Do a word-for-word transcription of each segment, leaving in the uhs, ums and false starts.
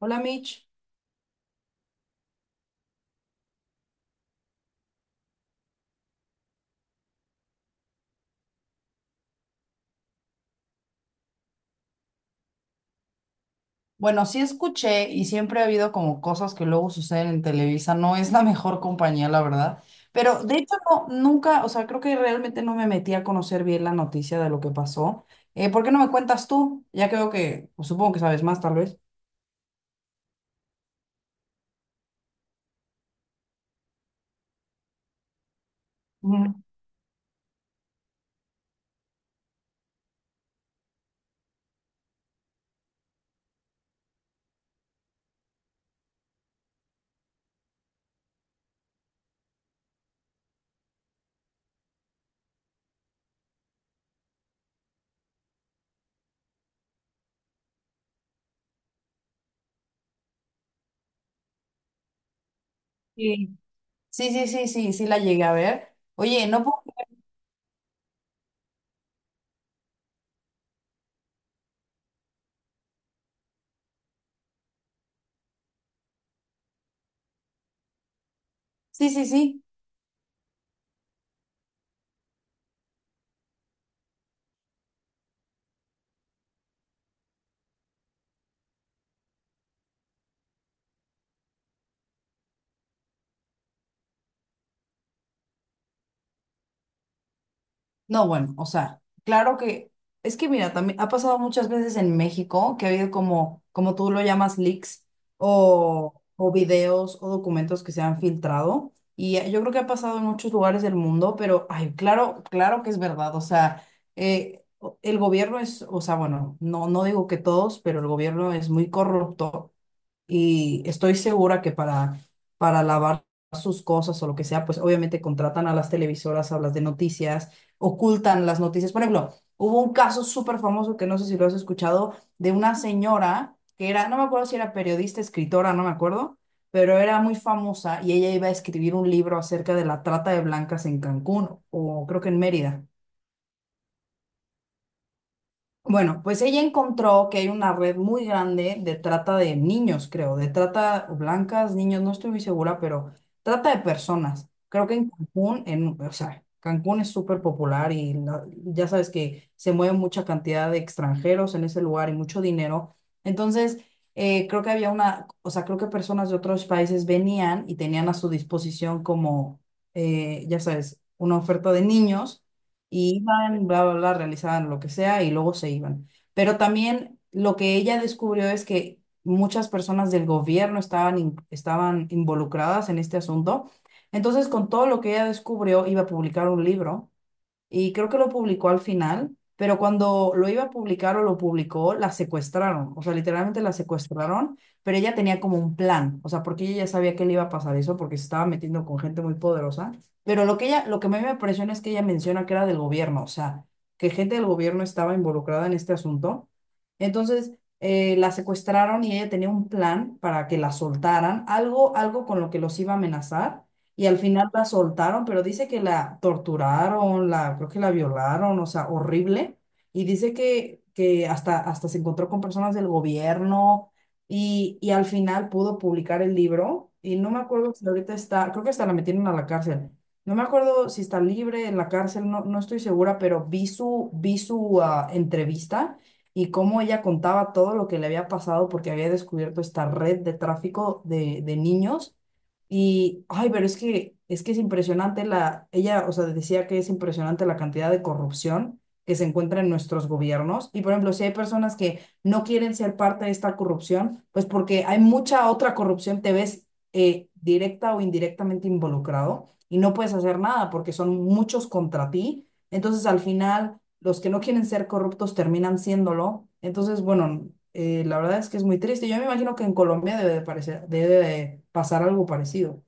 Hola Mitch. Bueno, sí escuché y siempre ha habido como cosas que luego suceden en Televisa, no es la mejor compañía, la verdad, pero de hecho no, nunca, o sea, creo que realmente no me metí a conocer bien la noticia de lo que pasó. Eh, ¿por qué no me cuentas tú? Ya creo que, pues, supongo que sabes más, tal vez. Ujú. Sí. Sí, sí, sí, sí, sí la llegué a ver. Oye, no puedo. Sí, sí, sí. No, bueno, o sea, claro que es que mira, también ha pasado muchas veces en México que ha habido como, como tú lo llamas, leaks o, o videos o documentos que se han filtrado. Y eh, yo creo que ha pasado en muchos lugares del mundo, pero ay, claro, claro que es verdad. O sea, eh, o- el gobierno es, o sea, bueno, no, no digo que todos, pero el gobierno es muy corrupto y estoy segura que para, para lavar sus cosas o lo que sea, pues obviamente contratan a las televisoras, a las de noticias, ocultan las noticias. Por ejemplo, hubo un caso súper famoso que no sé si lo has escuchado, de una señora que era, no me acuerdo si era periodista, escritora, no me acuerdo, pero era muy famosa y ella iba a escribir un libro acerca de la trata de blancas en Cancún o creo que en Mérida. Bueno, pues ella encontró que hay una red muy grande de trata de niños, creo, de trata blancas, niños, no estoy muy segura, pero trata de personas. Creo que en Cancún, en, o sea, Cancún es súper popular y la- ya sabes que se mueve mucha cantidad de extranjeros en ese lugar y mucho dinero. Entonces, eh, creo que había una, o sea, creo que personas de otros países venían y tenían a su disposición como, eh, ya sabes, una oferta de niños y iban, bla, bla, bla, realizaban lo que sea y luego se iban. Pero también lo que ella descubrió es que muchas personas del gobierno estaban, in- estaban involucradas en este asunto. Entonces, con todo lo que ella descubrió, iba a publicar un libro y creo que lo publicó al final, pero cuando lo iba a publicar o lo publicó, la secuestraron, o sea, literalmente la secuestraron, pero ella tenía como un plan, o sea, porque ella ya sabía que le iba a pasar eso, porque se estaba metiendo con gente muy poderosa, pero lo que ella, lo que a mí me impresiona es que ella menciona que era del gobierno, o sea, que gente del gobierno estaba involucrada en este asunto, entonces, eh, la secuestraron y ella tenía un plan para que la soltaran, algo, algo con lo que los iba a amenazar, y al final la soltaron, pero dice que la torturaron, la, creo que la violaron, o sea, horrible. Y dice que, que hasta, hasta se encontró con personas del gobierno y, y al final pudo publicar el libro. Y no me acuerdo si ahorita está, creo que hasta la metieron a la cárcel. No me acuerdo si está libre en la cárcel, no, no estoy segura, pero vi su, vi su ah, entrevista y cómo ella contaba todo lo que le había pasado porque había descubierto esta red de tráfico de, de niños y, ay, pero es que es que es impresionante la, ella, o sea, decía que es impresionante la cantidad de corrupción que se encuentra en nuestros gobiernos. Y, por ejemplo, si hay personas que no quieren ser parte de esta corrupción, pues porque hay mucha otra corrupción, te ves eh, directa o indirectamente involucrado y no puedes hacer nada porque son muchos contra ti. Entonces, al final los que no quieren ser corruptos terminan siéndolo. Entonces, bueno, eh, la verdad es que es muy triste. Yo me imagino que en Colombia debe de parecer, debe de pasar algo parecido.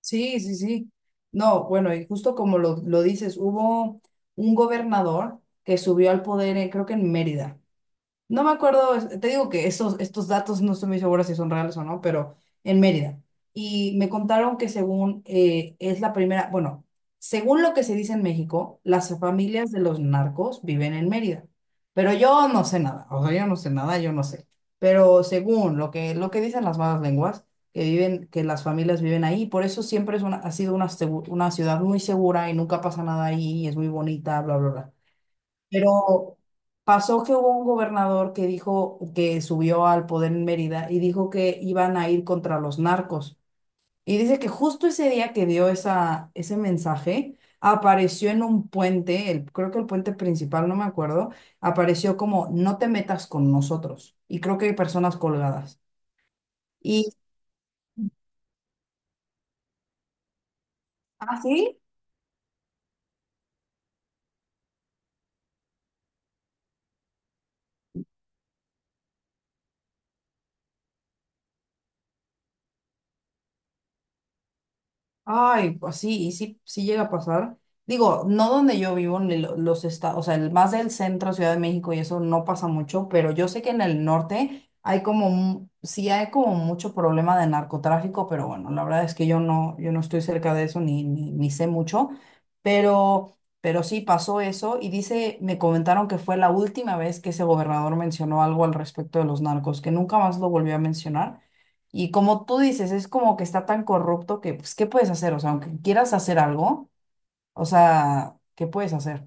Sí, sí, sí. No, bueno, y justo como lo, lo dices, hubo un gobernador que subió al poder, eh, creo que en Mérida. No me acuerdo, es- te digo que esos, estos datos no estoy muy segura si son reales o no, pero en Mérida. Y me contaron que según eh, es la primera, bueno, según lo que se dice en México, las familias de los narcos viven en Mérida. Pero yo no sé nada, o sea, yo no sé nada, yo no sé. Pero según lo que, lo que dicen las malas lenguas, que viven, que las familias viven ahí, por eso siempre es una, ha sido una, segu- una ciudad muy segura y nunca pasa nada ahí, y es muy bonita, bla, bla, bla. Pero pasó que hubo un gobernador que dijo que subió al poder en Mérida y dijo que iban a ir contra los narcos. Y dice que justo ese día que dio esa, ese mensaje, apareció en un puente, el, creo que el puente principal, no me acuerdo, apareció como no te metas con nosotros. Y creo que hay personas colgadas. Y, ¿ah, sí? Ay, pues sí, y sí, sí llega a pasar. Digo, no donde yo vivo, ni lo- los estados, o sea, el- más del centro, Ciudad de México, y eso no pasa mucho, pero yo sé que en el norte hay como, mu- sí hay como mucho problema de narcotráfico, pero bueno, la verdad es que yo no, yo no estoy cerca de eso, ni, ni, ni sé mucho, pero, pero sí pasó eso, y dice, me comentaron que fue la última vez que ese gobernador mencionó algo al respecto de los narcos, que nunca más lo volvió a mencionar y como tú dices, es como que está tan corrupto que, pues, ¿qué puedes hacer? O sea, aunque quieras hacer algo, o sea, ¿qué puedes hacer?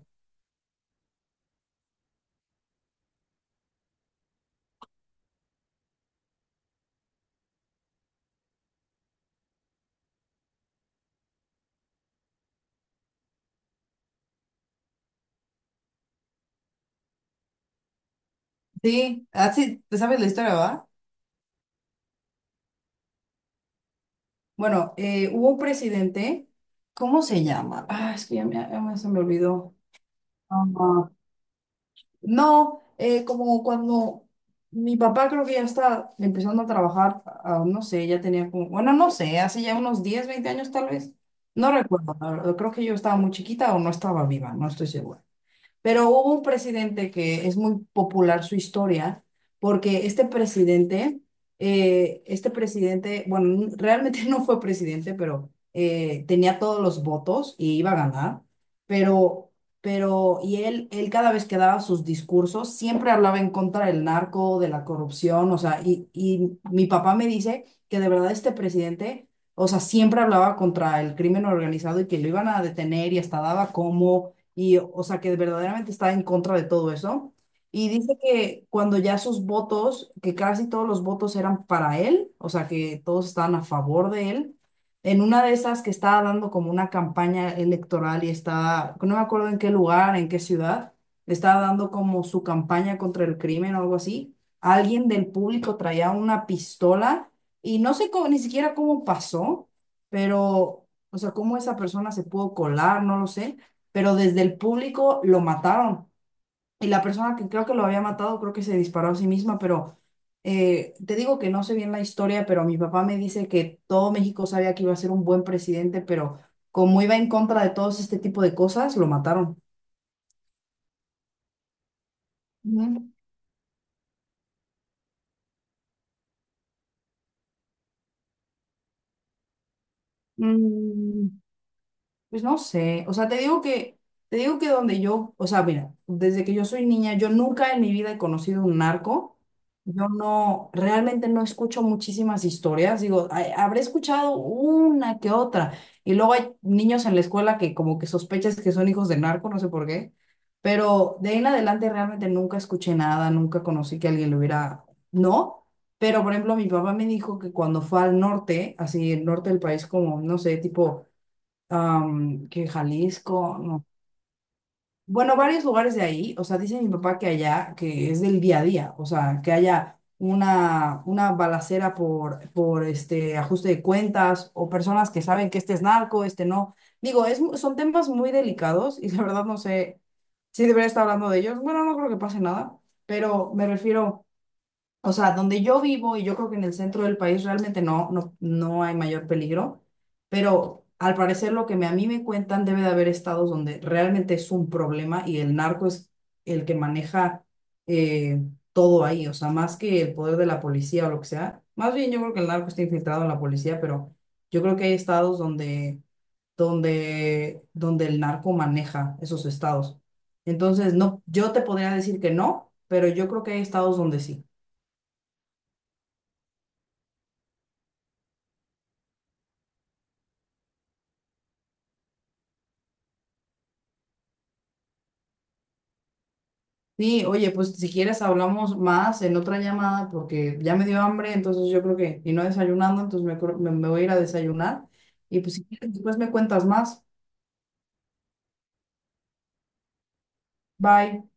Sí, así, te sabes la historia, ¿va? Bueno, eh, hubo un presidente, ¿cómo se llama? Ah, es que ya me, ya me- se me olvidó. Ah, no, eh, como cuando mi papá creo que ya está empezando a trabajar, ah, no sé, ya tenía como, bueno, no sé, hace ya unos diez veinte años tal vez. No recuerdo, la verdad, creo que yo estaba muy chiquita o no estaba viva, no estoy segura. Pero hubo un presidente que es muy popular su historia, porque este presidente, eh, este presidente, bueno, n- realmente no fue presidente, pero eh, tenía todos los votos y iba a ganar, pero, pero, y él, él cada vez que daba sus discursos, siempre hablaba en contra del narco, de la corrupción, o sea, y, y mi papá me dice que de verdad este presidente. O sea, siempre hablaba contra el crimen organizado y que lo iban a detener y hasta daba como y o sea que verdaderamente está en contra de todo eso. Y dice que cuando ya sus votos, que casi todos los votos eran para él, o sea que todos estaban a favor de él, en una de esas que estaba dando como una campaña electoral y estaba, no me acuerdo en qué lugar, en qué ciudad, estaba dando como su campaña contra el crimen o algo así, alguien del público traía una pistola y no sé cómo, ni siquiera cómo pasó, pero, o sea, cómo esa persona se pudo colar, no lo sé, pero desde el público lo mataron. Y la persona que creo que lo había matado, creo que se disparó a sí misma, pero eh, te digo que no sé bien la historia, pero mi papá me dice que todo México sabía que iba a ser un buen presidente, pero como iba en contra de todos este tipo de cosas, lo mataron. Ujú. Mm, Pues no sé, o sea, te digo que, te digo que donde yo, o sea, mira, desde que yo soy niña, yo nunca en mi vida he conocido un narco. Yo no, realmente no escucho muchísimas historias. Digo, "Ay, habré escuchado una que otra. Y luego hay niños en la escuela que como que sospechas que son hijos de narco, no sé por qué. Pero de ahí en adelante realmente nunca escuché nada, nunca conocí que alguien lo hubiera, ¿no? Pero, por ejemplo, mi papá me dijo que cuando fue al norte, así el norte del país, como, no sé, tipo am, que Jalisco, no. Bueno, varios lugares de ahí, o sea, dice mi papá que allá, que es del día a día, o sea, que haya una, una balacera por, por este ajuste de cuentas o personas que saben que este es narco, este no. Digo, es, mu- son temas muy delicados y la verdad no sé si debería estar hablando de ellos. Bueno, no creo que pase nada, pero me refiero, o sea, donde yo vivo, y yo creo que en el centro del país realmente no, no, no hay mayor peligro, pero al parecer lo que me- a mí me cuentan debe de haber estados donde realmente es un problema y el narco es el que maneja eh, todo ahí, o sea, más que el poder de la policía o lo que sea. Más bien yo creo que el narco está infiltrado en la policía, pero yo creo que hay estados donde, donde, donde el narco maneja esos estados. Entonces, no, yo te podría decir que no, pero yo creo que hay estados donde sí. Sí, oye, pues si quieres hablamos más en otra llamada porque ya me dio hambre, entonces yo creo que, y no desayunando, entonces me, creo- me me voy a ir a desayunar. Y pues si quieres, después me cuentas más. Bye.